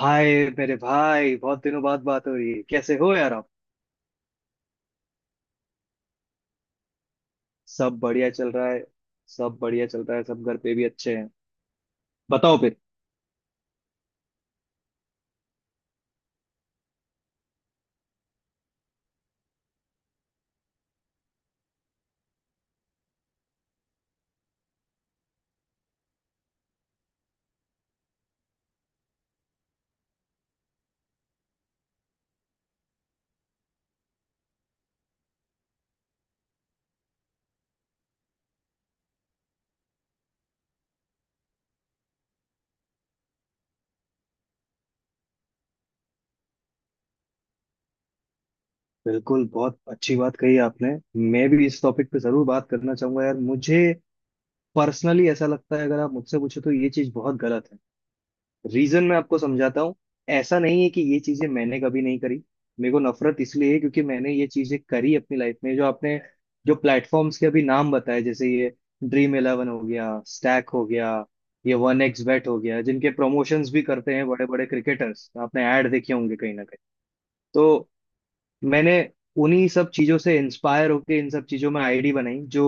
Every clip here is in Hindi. हाय! मेरे भाई, बहुत दिनों बाद बात हो रही है। कैसे हो यार आप? सब बढ़िया चल रहा है। सब बढ़िया चल रहा है, सब घर पे भी अच्छे हैं। बताओ फिर। बिल्कुल, बहुत अच्छी बात कही आपने। मैं भी इस टॉपिक पे जरूर बात करना चाहूंगा यार। मुझे पर्सनली ऐसा लगता है, अगर आप मुझसे पूछो तो ये चीज बहुत गलत है। रीजन मैं आपको समझाता हूँ। ऐसा नहीं है कि ये चीजें मैंने कभी नहीं करी। मेरे को नफरत इसलिए है क्योंकि मैंने ये चीजें करी अपनी लाइफ में। जो आपने जो प्लेटफॉर्म्स के अभी नाम बताए, जैसे ये ड्रीम इलेवन हो गया, स्टैक हो गया, ये वन एक्स बेट हो गया, जिनके प्रमोशंस भी करते हैं बड़े बड़े क्रिकेटर्स, आपने ऐड देखे होंगे कहीं ना कहीं। तो मैंने उन्हीं सब चीजों से इंस्पायर होके इन सब चीजों में आईडी बनाई, जो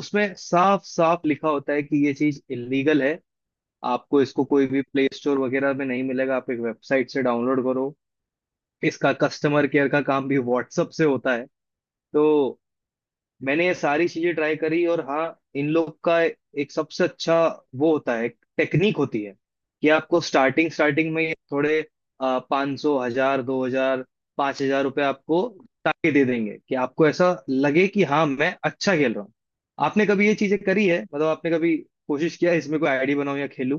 उसमें साफ साफ लिखा होता है कि ये चीज इलीगल है। आपको इसको कोई भी प्ले स्टोर वगैरह में नहीं मिलेगा, आप एक वेबसाइट से डाउनलोड करो। इसका कस्टमर केयर का काम भी व्हाट्सअप से होता है। तो मैंने ये सारी चीजें ट्राई करी। और हाँ, इन लोग का एक सबसे अच्छा वो होता है, टेक्निक होती है कि आपको स्टार्टिंग स्टार्टिंग में थोड़े पाँच सौ, हजार, दो हजार, पाँच हजार रुपये आपको ताकि दे देंगे कि आपको ऐसा लगे कि हाँ मैं अच्छा खेल रहा हूँ। आपने कभी ये चीजें करी है? मतलब आपने कभी कोशिश किया है इसमें, कोई आईडी बनाऊं या खेलूं?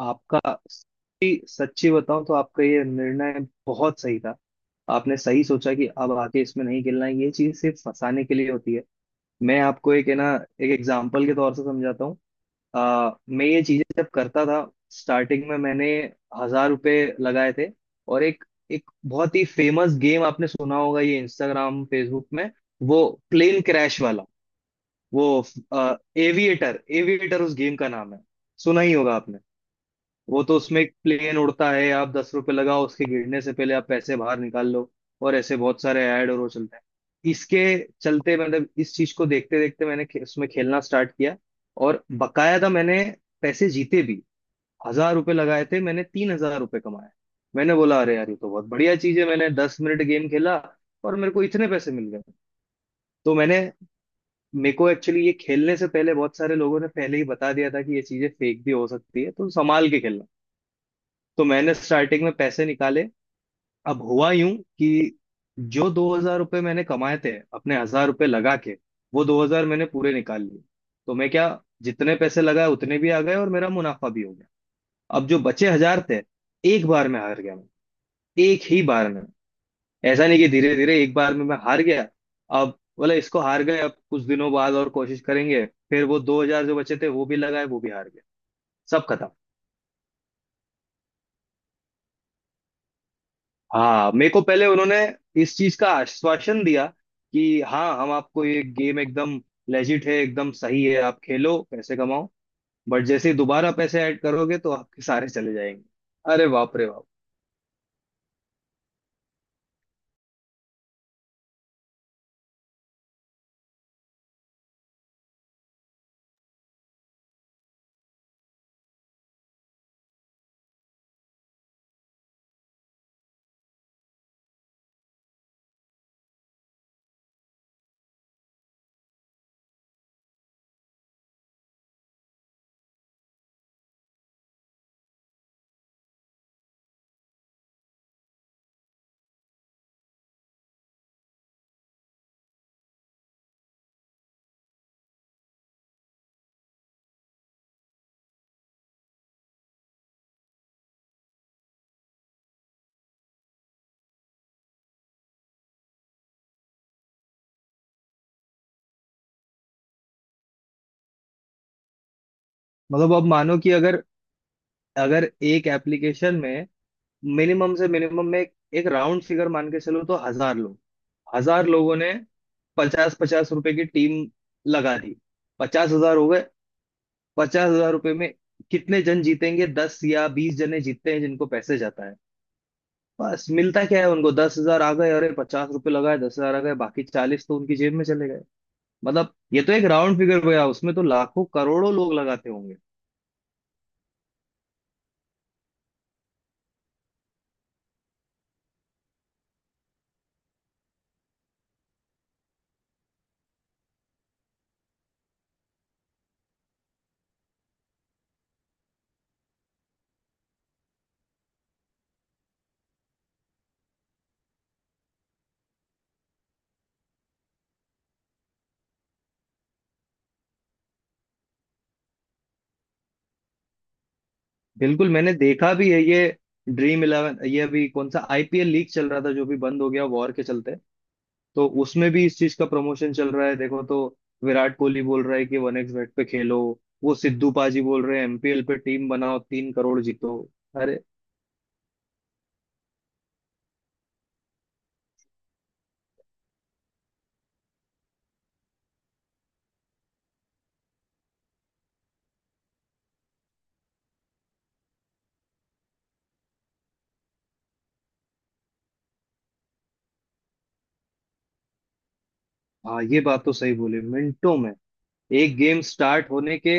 आपका, सच्ची सच्ची बताऊं तो आपका ये निर्णय बहुत सही था। आपने सही सोचा कि अब आके इसमें नहीं खेलना है, ये चीज सिर्फ फंसाने के लिए होती है। मैं आपको, एक है ना, एक एग्जाम्पल के तौर से समझाता हूँ। मैं ये चीजें जब करता था, स्टार्टिंग में मैंने 1000 रुपए लगाए थे। और एक एक बहुत ही फेमस गेम आपने सुना होगा, ये इंस्टाग्राम फेसबुक में, वो प्लेन क्रैश वाला, वो एविएटर, एविएटर उस गेम का नाम है, सुना ही होगा आपने। वो तो उसमें एक प्लेन उड़ता है, आप 10 रुपए लगाओ, उसके गिरने से पहले आप पैसे बाहर निकाल लो। और ऐसे बहुत सारे ऐड और वो चलते हैं। इसके चलते, मतलब इस चीज को देखते देखते, मैंने उसमें खेलना स्टार्ट किया और बकायदा मैंने पैसे जीते भी। हजार रुपए लगाए थे मैंने, 3000 रुपए कमाए। मैंने बोला अरे यार ये तो बहुत बढ़िया चीज है, मैंने 10 मिनट गेम खेला और मेरे को इतने पैसे मिल गए। तो मैंने, मेरे को एक्चुअली ये खेलने से पहले बहुत सारे लोगों ने पहले ही बता दिया था कि ये चीजें फेक भी हो सकती है तो संभाल के खेलना। तो मैंने स्टार्टिंग में पैसे निकाले। अब हुआ यूं कि जो 2000 रुपये मैंने कमाए थे अपने 1000 रुपये लगा के, वो 2000 मैंने पूरे निकाल लिए। तो मैं क्या, जितने पैसे लगाए उतने भी आ गए और मेरा मुनाफा भी हो गया। अब जो बचे हजार थे, एक बार में हार गया मैं, एक ही बार में। ऐसा नहीं कि धीरे धीरे, एक बार में मैं हार गया। अब बोला इसको हार गए, अब कुछ दिनों बाद और कोशिश करेंगे। फिर वो 2000 जो बचे थे वो भी लगाए, वो भी हार गए, सब खत्म। हाँ, मेरे को पहले उन्होंने इस चीज का आश्वासन दिया कि हाँ हम आपको ये गेम एकदम लेजिट है, एकदम सही है, आप खेलो पैसे कमाओ। बट जैसे ही दोबारा पैसे ऐड करोगे तो आपके सारे चले जाएंगे। अरे बाप रे बाप! मतलब अब मानो कि अगर अगर एक एप्लीकेशन में मिनिमम से मिनिमम में एक राउंड फिगर मान के चलो, तो हजार लोगों ने पचास पचास रुपए की टीम लगा दी, 50,000 हो गए। 50,000 रुपये में कितने जन जीतेंगे? 10 या 20 जने जीतते हैं जिनको पैसे जाता है। बस मिलता क्या है उनको? 10,000 आ गए। अरे पचास रुपए लगाए, 10,000 आ गए, बाकी 40 तो उनकी जेब में चले गए। मतलब ये तो एक राउंड फिगर गया, उसमें तो लाखों करोड़ों लोग लगाते होंगे। बिल्कुल, मैंने देखा भी है ये ड्रीम इलेवन। ये अभी कौन सा आईपीएल लीग चल रहा था जो भी बंद हो गया वॉर के चलते, तो उसमें भी इस चीज का प्रमोशन चल रहा है। देखो तो, विराट कोहली बोल रहा है कि वन एक्स बेट पे खेलो। वो सिद्धू पाजी बोल रहे हैं एमपीएल पे टीम बनाओ 3 करोड़ जीतो। अरे! हाँ ये बात तो सही बोली, मिनटों में एक गेम स्टार्ट होने के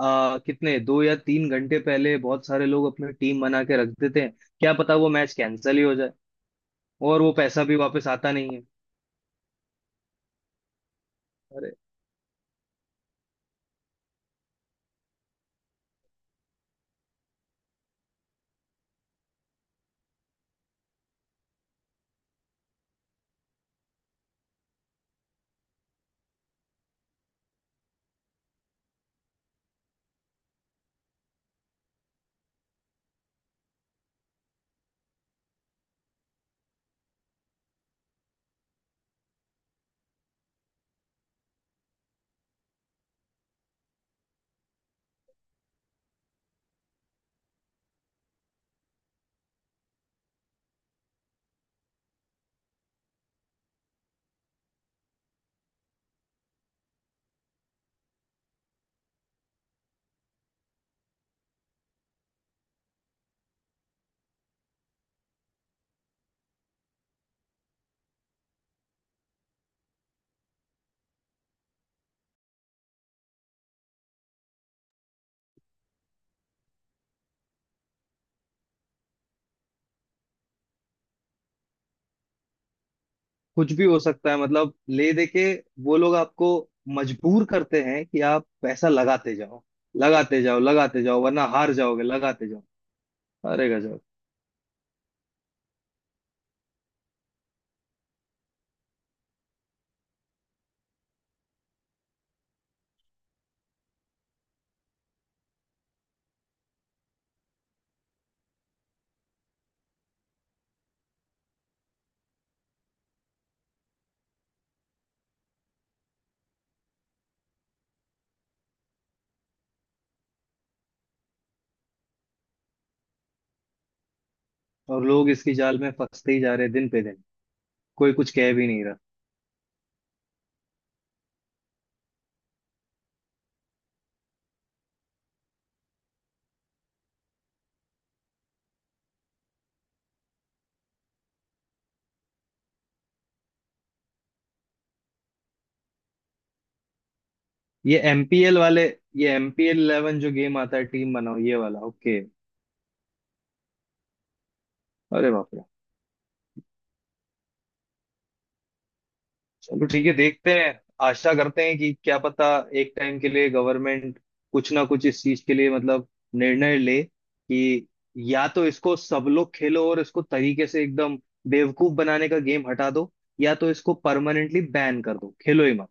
कितने, दो या तीन घंटे पहले बहुत सारे लोग अपनी टीम बना के रख देते हैं। क्या पता वो मैच कैंसिल ही हो जाए और वो पैसा भी वापस आता नहीं है। अरे, कुछ भी हो सकता है मतलब। ले दे के वो लोग आपको मजबूर करते हैं कि आप पैसा लगाते जाओ, लगाते जाओ, लगाते जाओ, वरना हार जाओगे, लगाते जाओ। अरे गजब! और लोग इसकी जाल में फंसते ही जा रहे हैं दिन पे दिन, कोई कुछ कह भी नहीं रहा। ये एमपीएल वाले, ये एमपीएल 11 जो गेम आता है टीम बनाओ ये वाला, ओके। अरे बाप रे! चलो, ठीक है, देखते हैं। आशा करते हैं कि क्या पता एक टाइम के लिए गवर्नमेंट कुछ ना कुछ इस चीज के लिए मतलब निर्णय ले, कि या तो इसको सब लोग खेलो और इसको तरीके से, एकदम बेवकूफ बनाने का गेम हटा दो, या तो इसको परमानेंटली बैन कर दो, खेलो ही मत।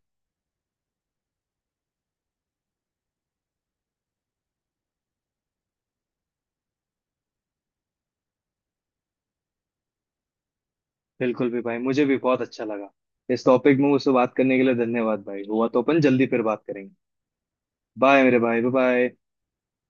बिल्कुल भी भाई, मुझे भी बहुत अच्छा लगा इस टॉपिक में मुझसे बात करने के लिए। धन्यवाद भाई! हुआ तो अपन जल्दी फिर बात करेंगे। बाय मेरे भाई, बाय बाय।